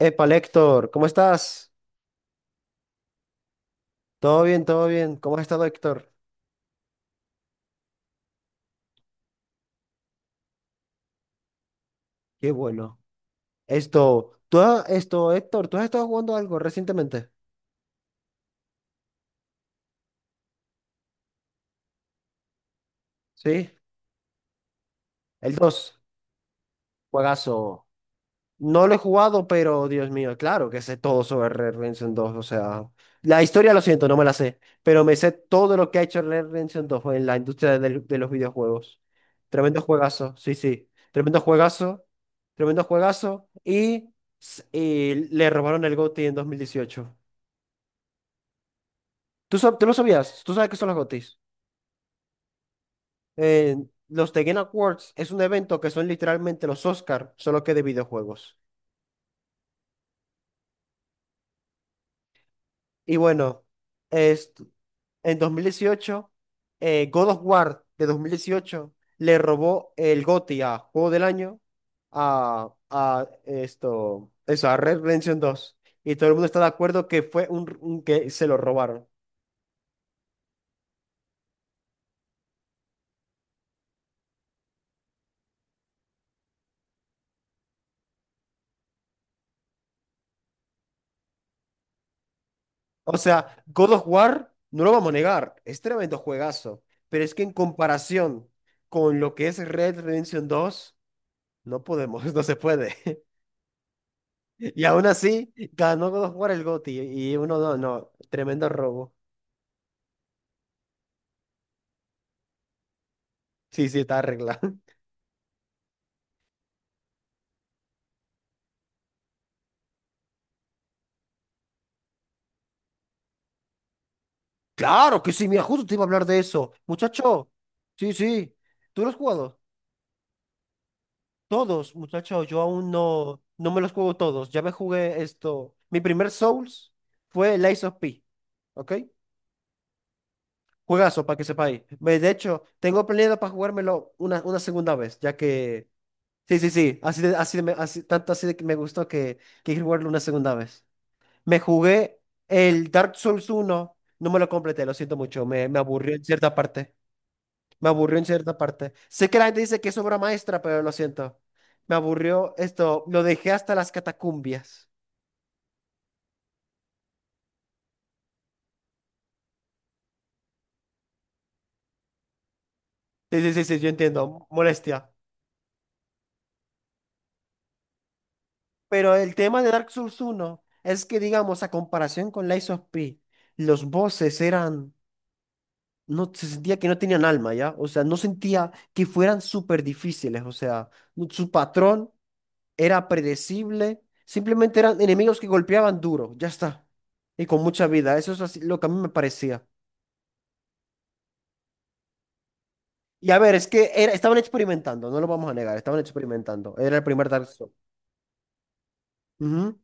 Epa, Héctor, ¿cómo estás? Todo bien, todo bien. ¿Cómo has estado, Héctor? Qué bueno. Esto, tú has- esto, Héctor, ¿tú has estado jugando algo recientemente? Sí, el 2, juegazo. No lo he jugado, pero Dios mío, claro que sé todo sobre Red Redemption dos. O sea, la historia lo siento, no me la sé, pero me sé todo lo que ha hecho Red Redemption dos en la industria los videojuegos. Tremendo juegazo, sí, sí. Tremendo juegazo, tremendo juegazo. Y le robaron el GOTY en 2018. ¿Tú lo sabías? ¿Tú sabes qué son los GOTYs? Eh, los The Game Awards es un evento que son literalmente los Oscar, solo que de videojuegos. Y bueno, en 2018, God of War de 2018 le robó el GOTY a Juego del Año a Red Redemption dos. Y todo el mundo está de acuerdo que fue que se lo robaron. O sea, God of War, no lo vamos a negar, es tremendo juegazo, pero es que en comparación con lo que es Red Redemption dos no podemos, no se puede. Y aún así, ganó God of War el GOTY y uno no, no, tremendo robo. Sí, sí, está arreglado. Claro que sí, mira, justo te iba a hablar de eso. Muchacho, sí, sí. ¿Tú los has jugado? Todos, muchacho, yo aún no me los juego todos. Ya me jugué esto. Mi primer Souls fue el Lies of P. ¿Ok? Juegazo, para que sepáis. Ve, de hecho, tengo planeado para jugármelo una segunda vez, ya que. Sí, sí, sí. Así de me- así, tanto así de que me gustó que quiero jugarlo una segunda vez. Me jugué el Dark Souls uno. No me lo completé, lo siento mucho. Me aburrió en cierta parte. Me aburrió en cierta parte. Sé que la gente dice que es obra maestra, pero lo siento. Me aburrió esto. Lo dejé hasta las catacumbias. Sí, sí, sí, sí, yo entiendo. Molestia. Pero el tema de Dark Souls uno es que, digamos, a comparación con Lies of P, los bosses eran. No, se sentía que no tenían alma, ¿ya? O sea, no sentía que fueran súper difíciles. O sea, su patrón era predecible. Simplemente eran enemigos que golpeaban duro. Ya está. Y con mucha vida. Eso es así, lo que a mí me parecía. Y a ver, estaban experimentando, no lo vamos a negar, estaban experimentando. Era el primer Dark Souls. Ujú.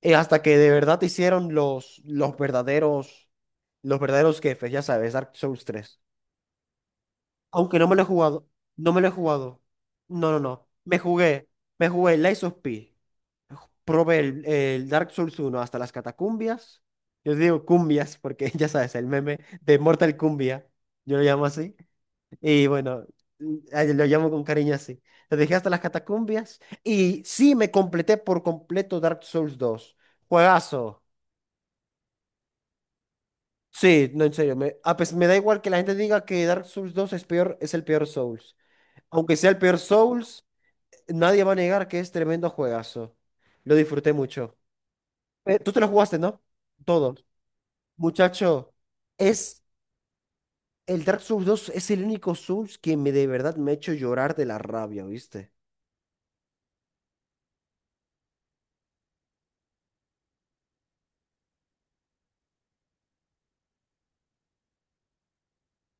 Y hasta que de verdad hicieron los verdaderos jefes, ya sabes, Dark Souls tres. Aunque no me lo he jugado, no me lo he jugado. No, no, no. Me jugué Lies of P. Probé el Dark Souls uno hasta las catacumbias. Yo digo cumbias porque ya sabes, el meme de Mortal Cumbia, yo lo llamo así. Y bueno, lo llamo con cariño así. Lo dejé hasta las catacumbias y sí me completé por completo Dark Souls dos. Juegazo. Sí, no, en serio. Me da igual que la gente diga que Dark Souls dos es peor, es el peor Souls. Aunque sea el peor Souls, nadie va a negar que es tremendo juegazo. Lo disfruté mucho. Tú te lo jugaste, ¿no? Todo. Muchacho, es el Dark Souls dos es el único Souls que me de verdad me ha hecho llorar de la rabia, ¿viste?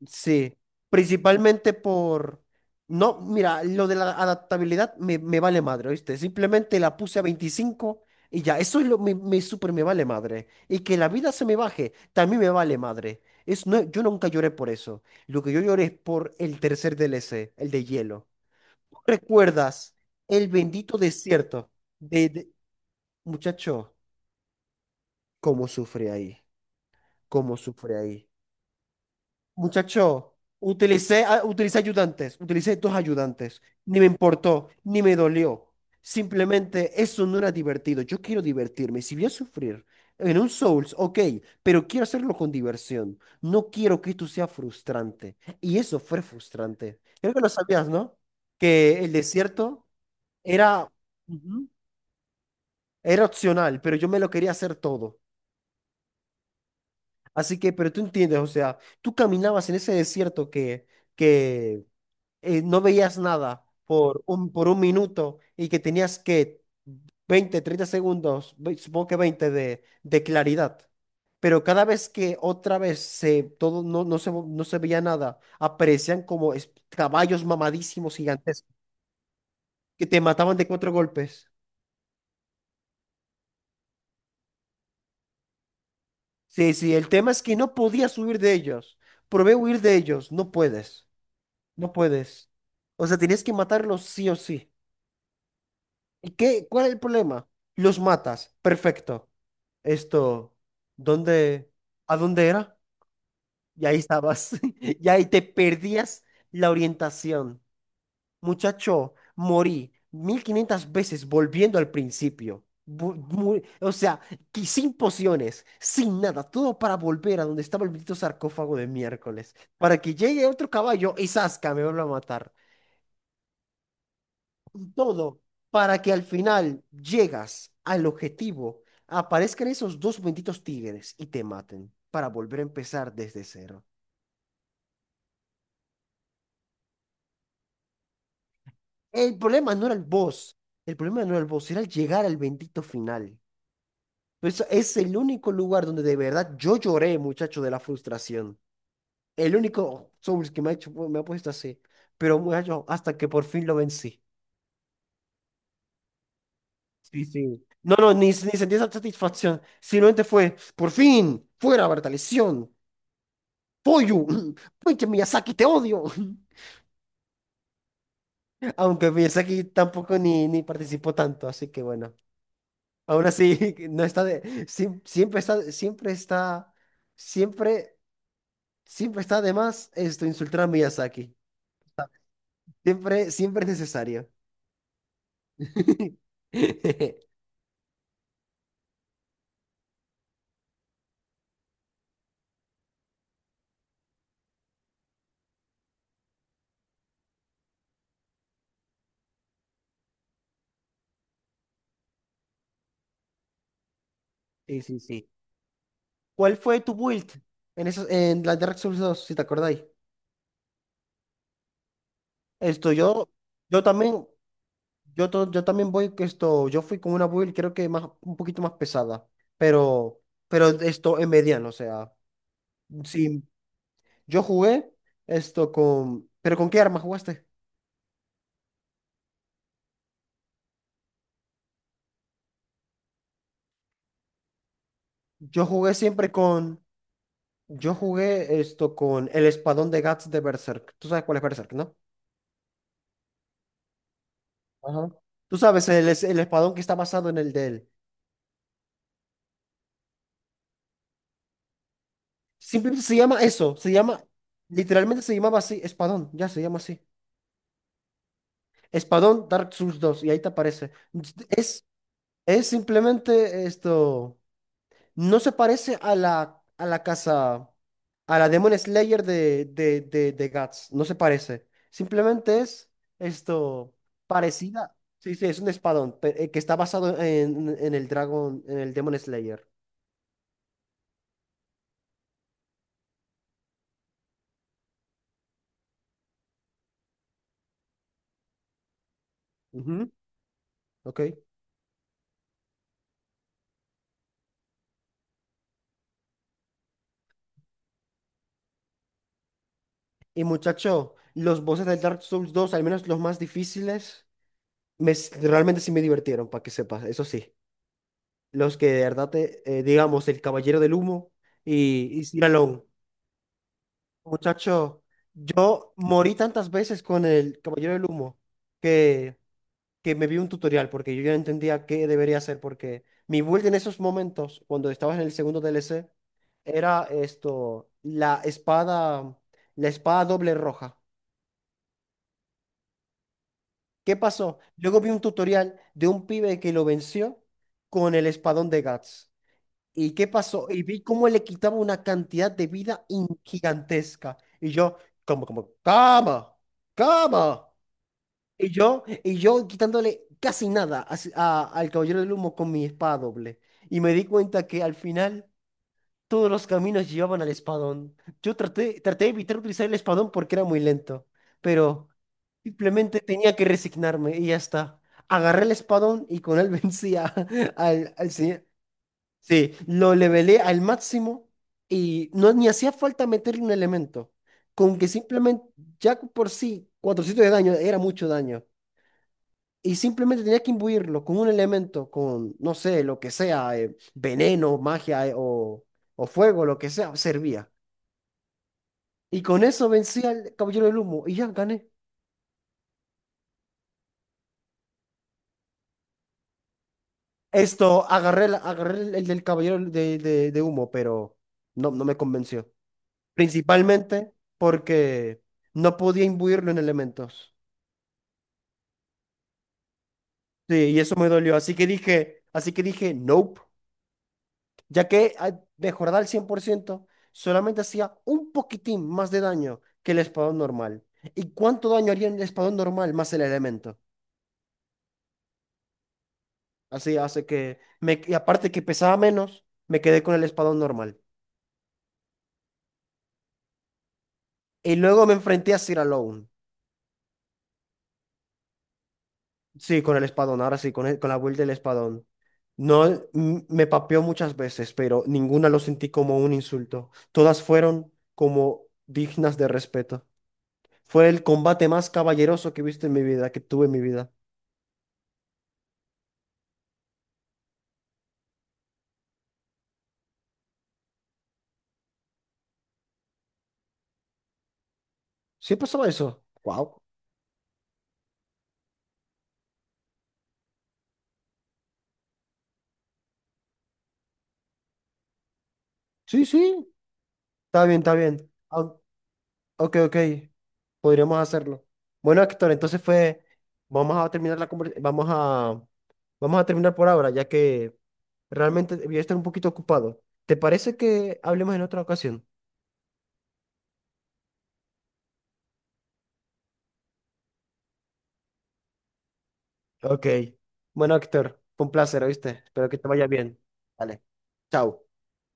Sí, principalmente por... No, mira, lo de la adaptabilidad me vale madre, ¿oíste? Simplemente la puse a 25 y ya, eso es lo me, me súper me vale madre. Y que la vida se me baje, también me vale madre. No, yo nunca lloré por eso. Lo que yo lloré es por el tercer DLC, el de hielo. ¿Recuerdas el bendito desierto de, de- Muchacho, cómo sufre ahí, cómo sufre ahí. Muchacho, utilicé ayudantes, utilicé dos ayudantes. Ni me importó, ni me dolió. Simplemente eso no era divertido. Yo quiero divertirme. Si voy a sufrir en un Souls, ok, pero quiero hacerlo con diversión. No quiero que esto sea frustrante. Y eso fue frustrante. Creo que lo sabías, ¿no? Que el desierto era. Ujú. Era opcional, pero yo me lo quería hacer todo. Así que, pero tú entiendes, o sea, tú caminabas en ese desierto que no veías nada por un minuto y que tenías que 20, 30 segundos, supongo que 20 de claridad. Pero cada vez que otra vez todo no se veía nada, aparecían como caballos mamadísimos gigantescos que te mataban de cuatro golpes. Sí, sí, el tema es que no podías huir de ellos. Probé huir de ellos, no puedes, no puedes. O sea, tenías que matarlos sí o sí. ¿Y qué? ¿Cuál es el problema? Los matas, perfecto. esto, ¿dónde, a dónde era? Y ahí estabas, y ahí te perdías la orientación. Muchacho, morí 1.500 veces volviendo al principio. O sea, que sin pociones, sin nada, todo para volver a donde estaba el bendito sarcófago de miércoles, para que llegue otro caballo y zasca, me vuelva a matar. Todo para que al final llegas al objetivo, aparezcan esos dos benditos tigres y te maten para volver a empezar desde cero. El problema no era el boss, el problema no era el boss, era el llegar al bendito final. Por eso es el único lugar donde de verdad yo lloré, muchacho, de la frustración. El único Souls que me ha puesto así. Pero, muchacho, hasta que por fin lo vencí. Sí, sí. No, no, ni sentí esa satisfacción. Simplemente fue, por fin, fuera, Bertalición. Pollo, pinche Miyazaki, te odio. Aunque Miyazaki tampoco ni participó tanto, así que bueno. Aún así, no está de, siem- siempre está, siempre está, siempre, siempre está de más esto, insultar a Miyazaki. Siempre, siempre es necesario. Sí, sí, sí. ¿Cuál fue tu build en la Dark Souls dos, si te acordáis? Esto yo, yo también, Yo, to- yo también voy que esto, yo fui con una build creo que más, un poquito más pesada, pero, pero esto en mediano, o sea, sí, yo jugué esto con, pero ¿con qué arma jugaste? Yo jugué siempre con, yo jugué esto con el espadón de Guts de Berserk. ¿Tú sabes cuál es Berserk, no? Ajá. Tú sabes, el espadón que está basado en el de él. Simplemente se llama eso, se llama, Literalmente se llamaba así, espadón, ya se llama así. Espadón Dark Souls dos y ahí te aparece. es Es simplemente esto. No se parece a la casa, a la Demon Slayer de Guts. No se parece. Simplemente es esto parecida. Sí, sí, es un espadón que está basado en el Demon Slayer. Ujú, ok. Y muchacho, los bosses del Dark Souls dos, al menos los más difíciles, realmente sí me divirtieron, para que sepas. Eso sí. Los que de verdad, digamos, el Caballero del Humo y Sir Alon. Muchacho, yo morí tantas veces con el Caballero del Humo que, que me vi un tutorial porque yo ya no entendía qué debería hacer porque mi build en esos momentos, cuando estaba en el segundo DLC, era esto, la espada doble roja. ¿Qué pasó? Luego vi un tutorial de un pibe que lo venció con el espadón de Guts. ¿Y qué pasó? Y vi cómo le quitaba una cantidad de vida gigantesca. Y yo, como, cama. Y yo quitándole casi nada a al Caballero del Humo con mi espada doble. Y me di cuenta que al final todos los caminos llevaban al espadón. Traté de evitar utilizar el espadón porque era muy lento. Pero simplemente tenía que resignarme y ya está. Agarré el espadón y con él vencía al, al, se-. Sí, lo levelé al máximo y ni hacía falta meterle un elemento. Con que simplemente, ya por sí, 400 de daño era mucho daño. Y simplemente tenía que imbuirlo con un elemento, no sé, lo que sea, veneno, magia o, fuego, lo que sea, servía. Y con eso vencí al Caballero del Humo y ya gané. Agarré el del Caballero de, de Humo, pero no me convenció. Principalmente porque no podía imbuirlo en elementos. Sí, y eso me dolió. Así que dije, nope, mejorar al 100% solamente hacía un poquitín más de daño que el espadón normal. ¿Y cuánto daño haría el espadón normal más el elemento? Así hace que, y aparte que pesaba menos, me quedé con el espadón normal. Y luego me enfrenté a Sir Alone. Sí, con el espadón, ahora sí, con la build del espadón. No, me papeó muchas veces, pero ninguna lo sentí como un insulto. Todas fueron como dignas de respeto. Fue el combate más caballeroso que he visto en mi vida, que tuve en mi vida. ¿Sí pasaba eso? Wow. Sí, sí. Está bien, está bien. Ah, ok, ok. Podríamos hacerlo. Bueno, Héctor, entonces fue. Vamos a terminar la conversación. Vamos a terminar por ahora, ya que realmente voy a estar un poquito ocupado. ¿Te parece que hablemos en otra ocasión? Ok. Bueno, Héctor, fue un placer, ¿oíste? Espero que te vaya bien. Vale. Chao.